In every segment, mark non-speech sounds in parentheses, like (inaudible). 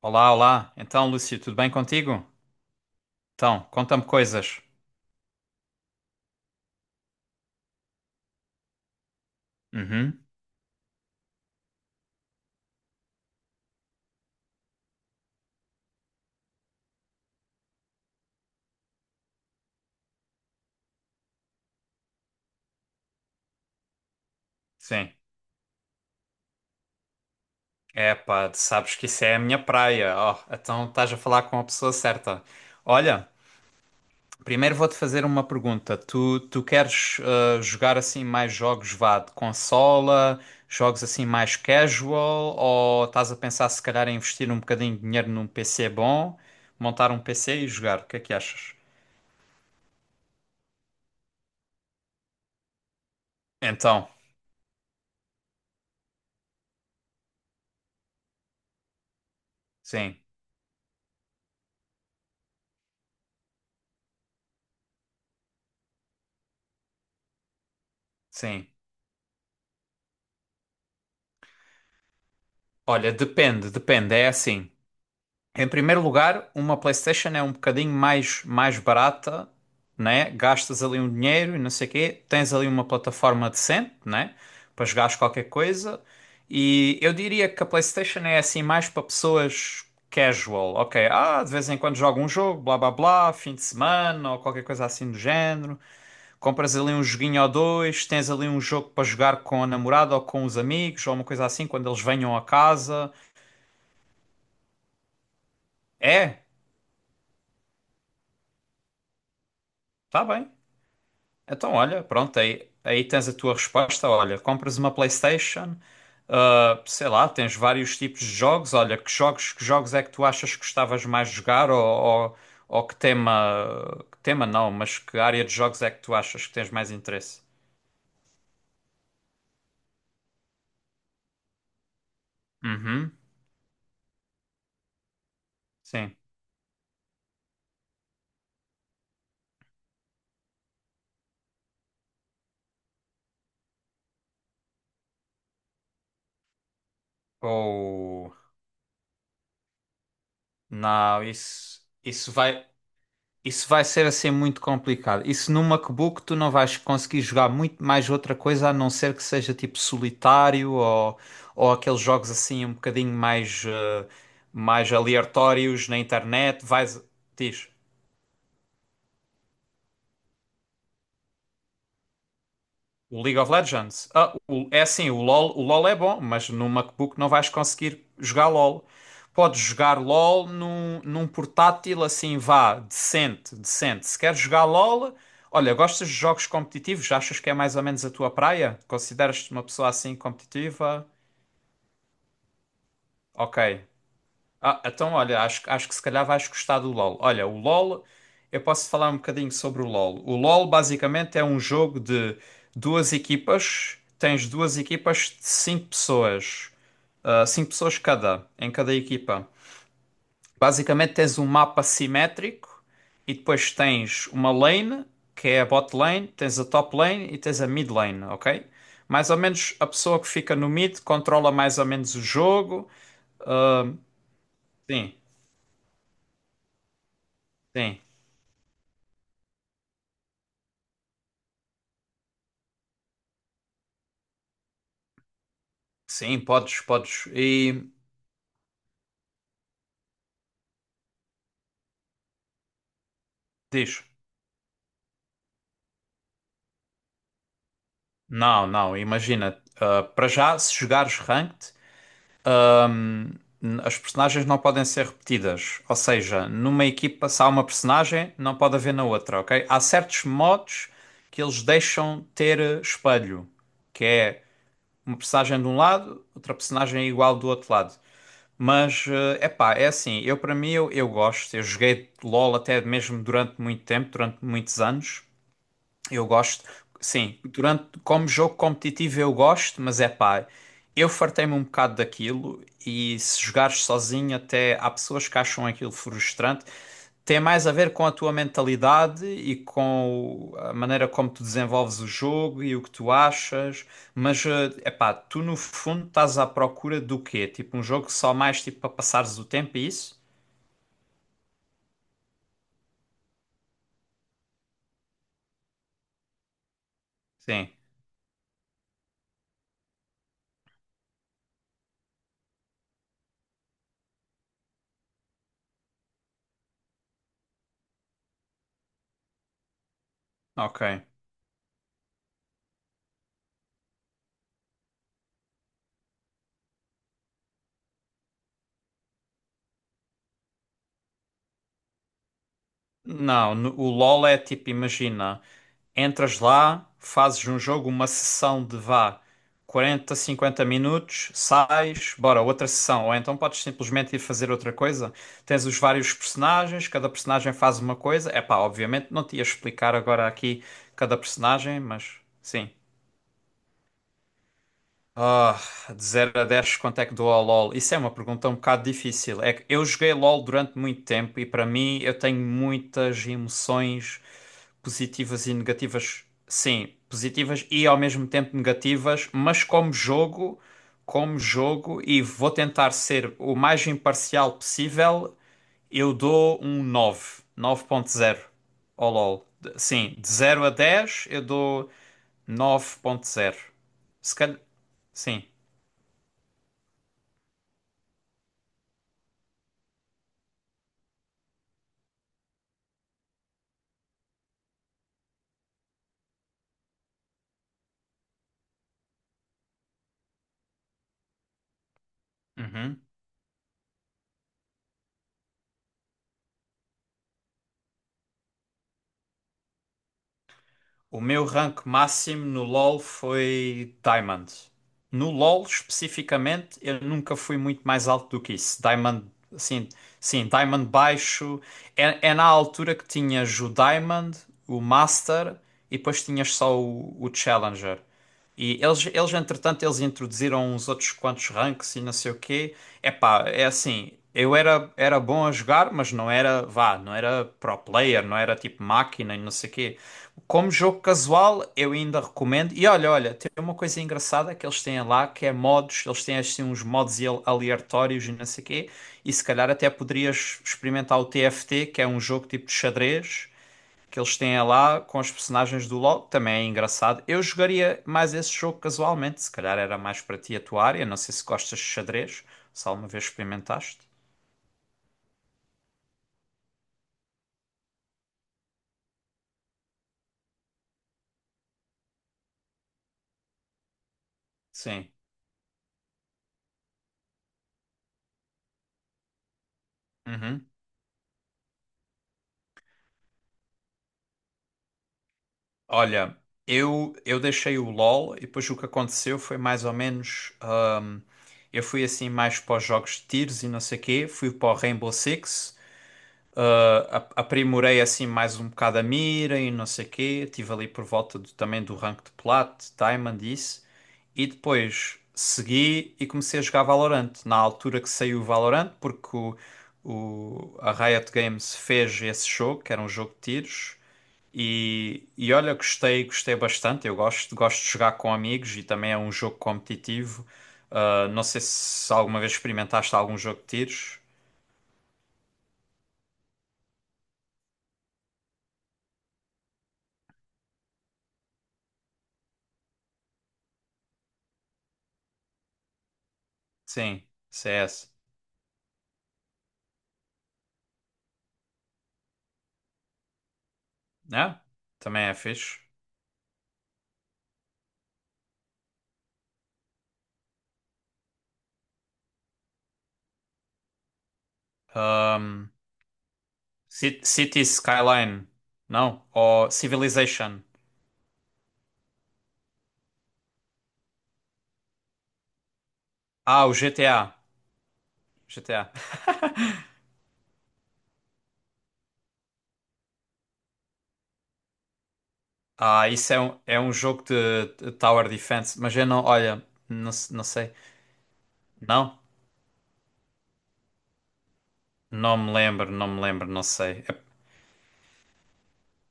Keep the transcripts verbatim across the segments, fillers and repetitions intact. Olá, olá. Então, Lúcio, tudo bem contigo? Então, conta-me coisas. Uhum, sim. É pá, sabes que isso é a minha praia. Oh, então estás a falar com a pessoa certa. Olha, primeiro vou-te fazer uma pergunta. Tu, tu queres eh, jogar assim mais jogos, vá, de consola, jogos assim mais casual, ou estás a pensar se calhar em investir um bocadinho de dinheiro num P C bom, montar um P C e jogar? O que é que achas? Então, sim, sim. Olha, depende, depende, é assim. Em primeiro lugar, uma PlayStation é um bocadinho mais, mais barata, né? Gastas ali um dinheiro e não sei o quê. Tens ali uma plataforma decente, né? Para jogares qualquer coisa. E eu diria que a PlayStation é assim mais para pessoas casual. Ok, ah, de vez em quando jogo um jogo, blá blá blá, fim de semana ou qualquer coisa assim do género. Compras ali um joguinho ou dois, tens ali um jogo para jogar com a namorada ou com os amigos ou uma coisa assim quando eles venham a casa. É, tá bem. Então, olha, pronto, aí, aí tens a tua resposta. Olha, compras uma PlayStation, ah, sei lá, tens vários tipos de jogos. Olha, que jogos, que jogos é que tu achas que gostavas mais de jogar? Ou, ou, ou que tema, que tema não, mas que área de jogos é que tu achas que tens mais interesse? Uhum, sim. Ou. Não, isso, isso vai. Isso vai ser assim muito complicado. Isso no MacBook tu não vais conseguir jogar muito mais outra coisa a não ser que seja tipo solitário ou, ou aqueles jogos assim um bocadinho mais, eh, mais aleatórios na internet. Vais. Diz. O League of Legends. Ah, o- é assim, o LoL, o LoL é bom, mas no MacBook não vais conseguir jogar LoL. Podes jogar LoL num, num portátil assim, vá, decente, decente. Se queres jogar LoL, olha, gostas de jogos competitivos? Achas que é mais ou menos a tua praia? Consideras-te uma pessoa assim competitiva? Ok. Ah, então, olha, acho, acho que se calhar vais gostar do LoL. Olha, o LoL, eu posso falar um bocadinho sobre o LoL. O LoL basicamente é um jogo de duas equipas, tens duas equipas de cinco pessoas, ah, cinco pessoas cada, em cada equipa. Basicamente tens um mapa simétrico e depois tens uma lane, que é a bot lane, tens a top lane e tens a mid lane, ok? Mais ou menos a pessoa que fica no mid controla mais ou menos o jogo. Sim, sim. Sim, podes, podes. E diz: Não, não, imagina, ah, para já, se jogares ranked, ahm, as personagens não podem ser repetidas. Ou seja, numa equipa, se há uma personagem, não pode haver na outra, ok? Há certos modos que eles deixam ter eh, espelho, que é uma personagem de um lado, outra personagem é igual do outro lado. Mas, é pá, é assim, eu para mim, eu, eu gosto, eu joguei LOL até mesmo durante muito tempo, durante muitos anos. Eu gosto, sim, durante, como jogo competitivo eu gosto, mas é pá, eu fartei-me um bocado daquilo e se jogares sozinho até há pessoas que acham aquilo frustrante. Tem mais a ver com a tua mentalidade e com o- a maneira como tu desenvolves o jogo e o que tu achas, mas é pá, tu no fundo estás à procura do quê? Tipo um jogo só mais tipo para passares o tempo, é isso? Sim, ok. Não, no- o LoL é tipo, imagina, entras lá, fazes um jogo, uma sessão de vá quarenta, cinquenta minutos, sais, bora, outra sessão. Ou então podes simplesmente ir fazer outra coisa. Tens os vários personagens, cada personagem faz uma coisa. É pá, obviamente não te ia explicar agora aqui cada personagem, mas sim. Ah, de zero a dez quanto é que dou ao LoL? Isso é uma pergunta um bocado difícil. É que eu joguei LoL durante muito tempo e para mim eu tenho muitas emoções positivas e negativas. Sim, positivas e ao mesmo tempo negativas, mas como jogo, como jogo, e vou tentar ser o mais imparcial possível, eu dou um nove, nove vírgula zero ao LoL. De- Sim, de zero a dez eu dou nove vírgula zero. Se calhar. Sim. Uhum. O meu rank máximo no LoL foi Diamond. No LoL especificamente, eu nunca fui muito mais alto do que isso. Diamond, assim, sim, Diamond baixo. É, é na altura que tinhas o Diamond, o Master e depois tinhas só o, o Challenger. E eles, eles, entretanto, eles introduziram uns outros quantos ranks e não sei o quê. Epá, é assim, eu era, era bom a jogar, mas não era, vá, não era pro player, não era tipo máquina e não sei o quê. Como jogo casual, eu ainda recomendo. E olha, olha, tem uma coisa engraçada que eles têm lá, que é modos, eles têm assim uns modos ale- aleatórios e não sei quê. E se calhar até poderias experimentar o T F T, que é um jogo tipo de xadrez, que eles têm lá com os personagens do LoL, também é engraçado. Eu jogaria mais esse jogo casualmente, se calhar era mais para ti a tua área. Não sei se gostas de xadrez, se alguma vez experimentaste. Sim. Uhum. Olha, eu, eu deixei o LOL e depois o que aconteceu foi mais ou menos. hum, eu fui assim mais para os jogos de tiros e não sei o quê, fui para o Rainbow Six. Ah, a- aprimorei assim mais um bocado a mira e não sei o quê. Estive ali por volta do- também do rank de Plat, Diamond, isso. E depois segui e comecei a jogar Valorant. Na altura que saiu o Valorant, porque o, o- a Riot Games fez esse jogo, que era um jogo de tiros. E, e olha, gostei, gostei bastante. Eu gosto, gosto de jogar com amigos e também é um jogo competitivo. Ah, não sei se alguma vez experimentaste algum jogo de tiros. Sim, C S. É, também é fixe. Ahm, Ci- City Skyline, não? Ou Civilization. Ah, o G T A. G T A. Ah, isso é um, é um jogo de, de Tower Defense, mas eu não, olha, não, se- não sei. Não? Não me lembro, não me lembro, não sei.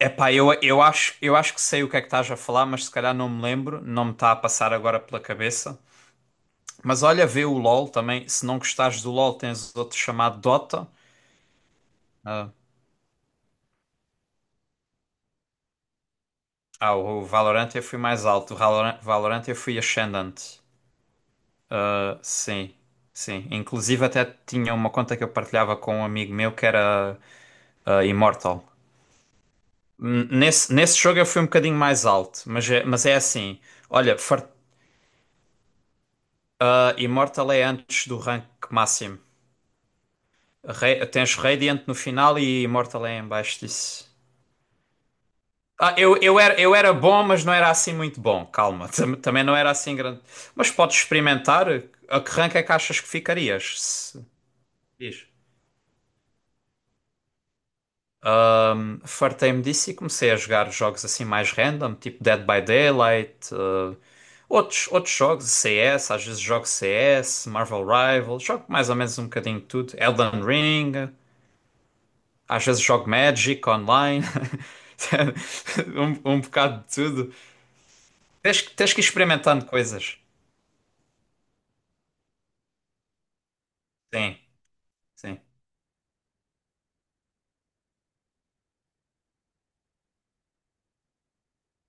É, epá, eu, eu acho, eu acho que sei o que é que estás a falar, mas se calhar não me lembro, não me está a passar agora pela cabeça. Mas olha, vê o LOL também. Se não gostares do LOL, tens outro chamado Dota. Ah, Ah, o Valorant eu fui mais alto. O Valorant, Valorant eu fui Ascendant. Ah, sim, sim. Inclusive até tinha uma conta que eu partilhava com um amigo meu que era ah, Immortal. N- Nesse, nesse jogo eu fui um bocadinho mais alto, mas é, mas é assim. Olha, far- ah, Immortal é antes do rank máximo. Ra- tens Radiant no final e Immortal é em baixo disso. Ah, eu, eu era, eu era bom, mas não era assim muito bom. Calma, tam- também não era assim grande. Mas podes experimentar. A que rank é que achas que ficarias? Se- Diz. Ahm, fartei-me disso e comecei a jogar jogos assim mais random, tipo Dead by Daylight, ah, outros, outros jogos, C S, às vezes jogo C S, Marvel Rivals, jogo mais ou menos um bocadinho de tudo, Elden Ring, às vezes jogo Magic online, (laughs) um, um bocado de tudo. Tens, que- tens que ir experimentando coisas. Sim. Sim,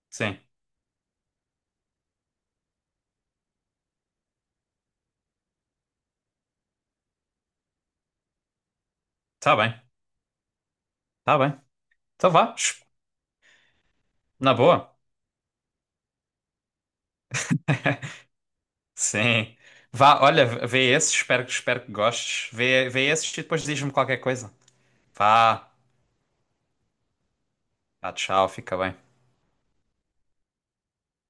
sim. Tá bem, tá bem. Então vá, sh- na boa. (laughs) Sim. Vá, olha, vê esse, espero, que- espero que gostes. Vê, vê esse e depois diz-me qualquer coisa. Vá, vá, tchau, fica bem.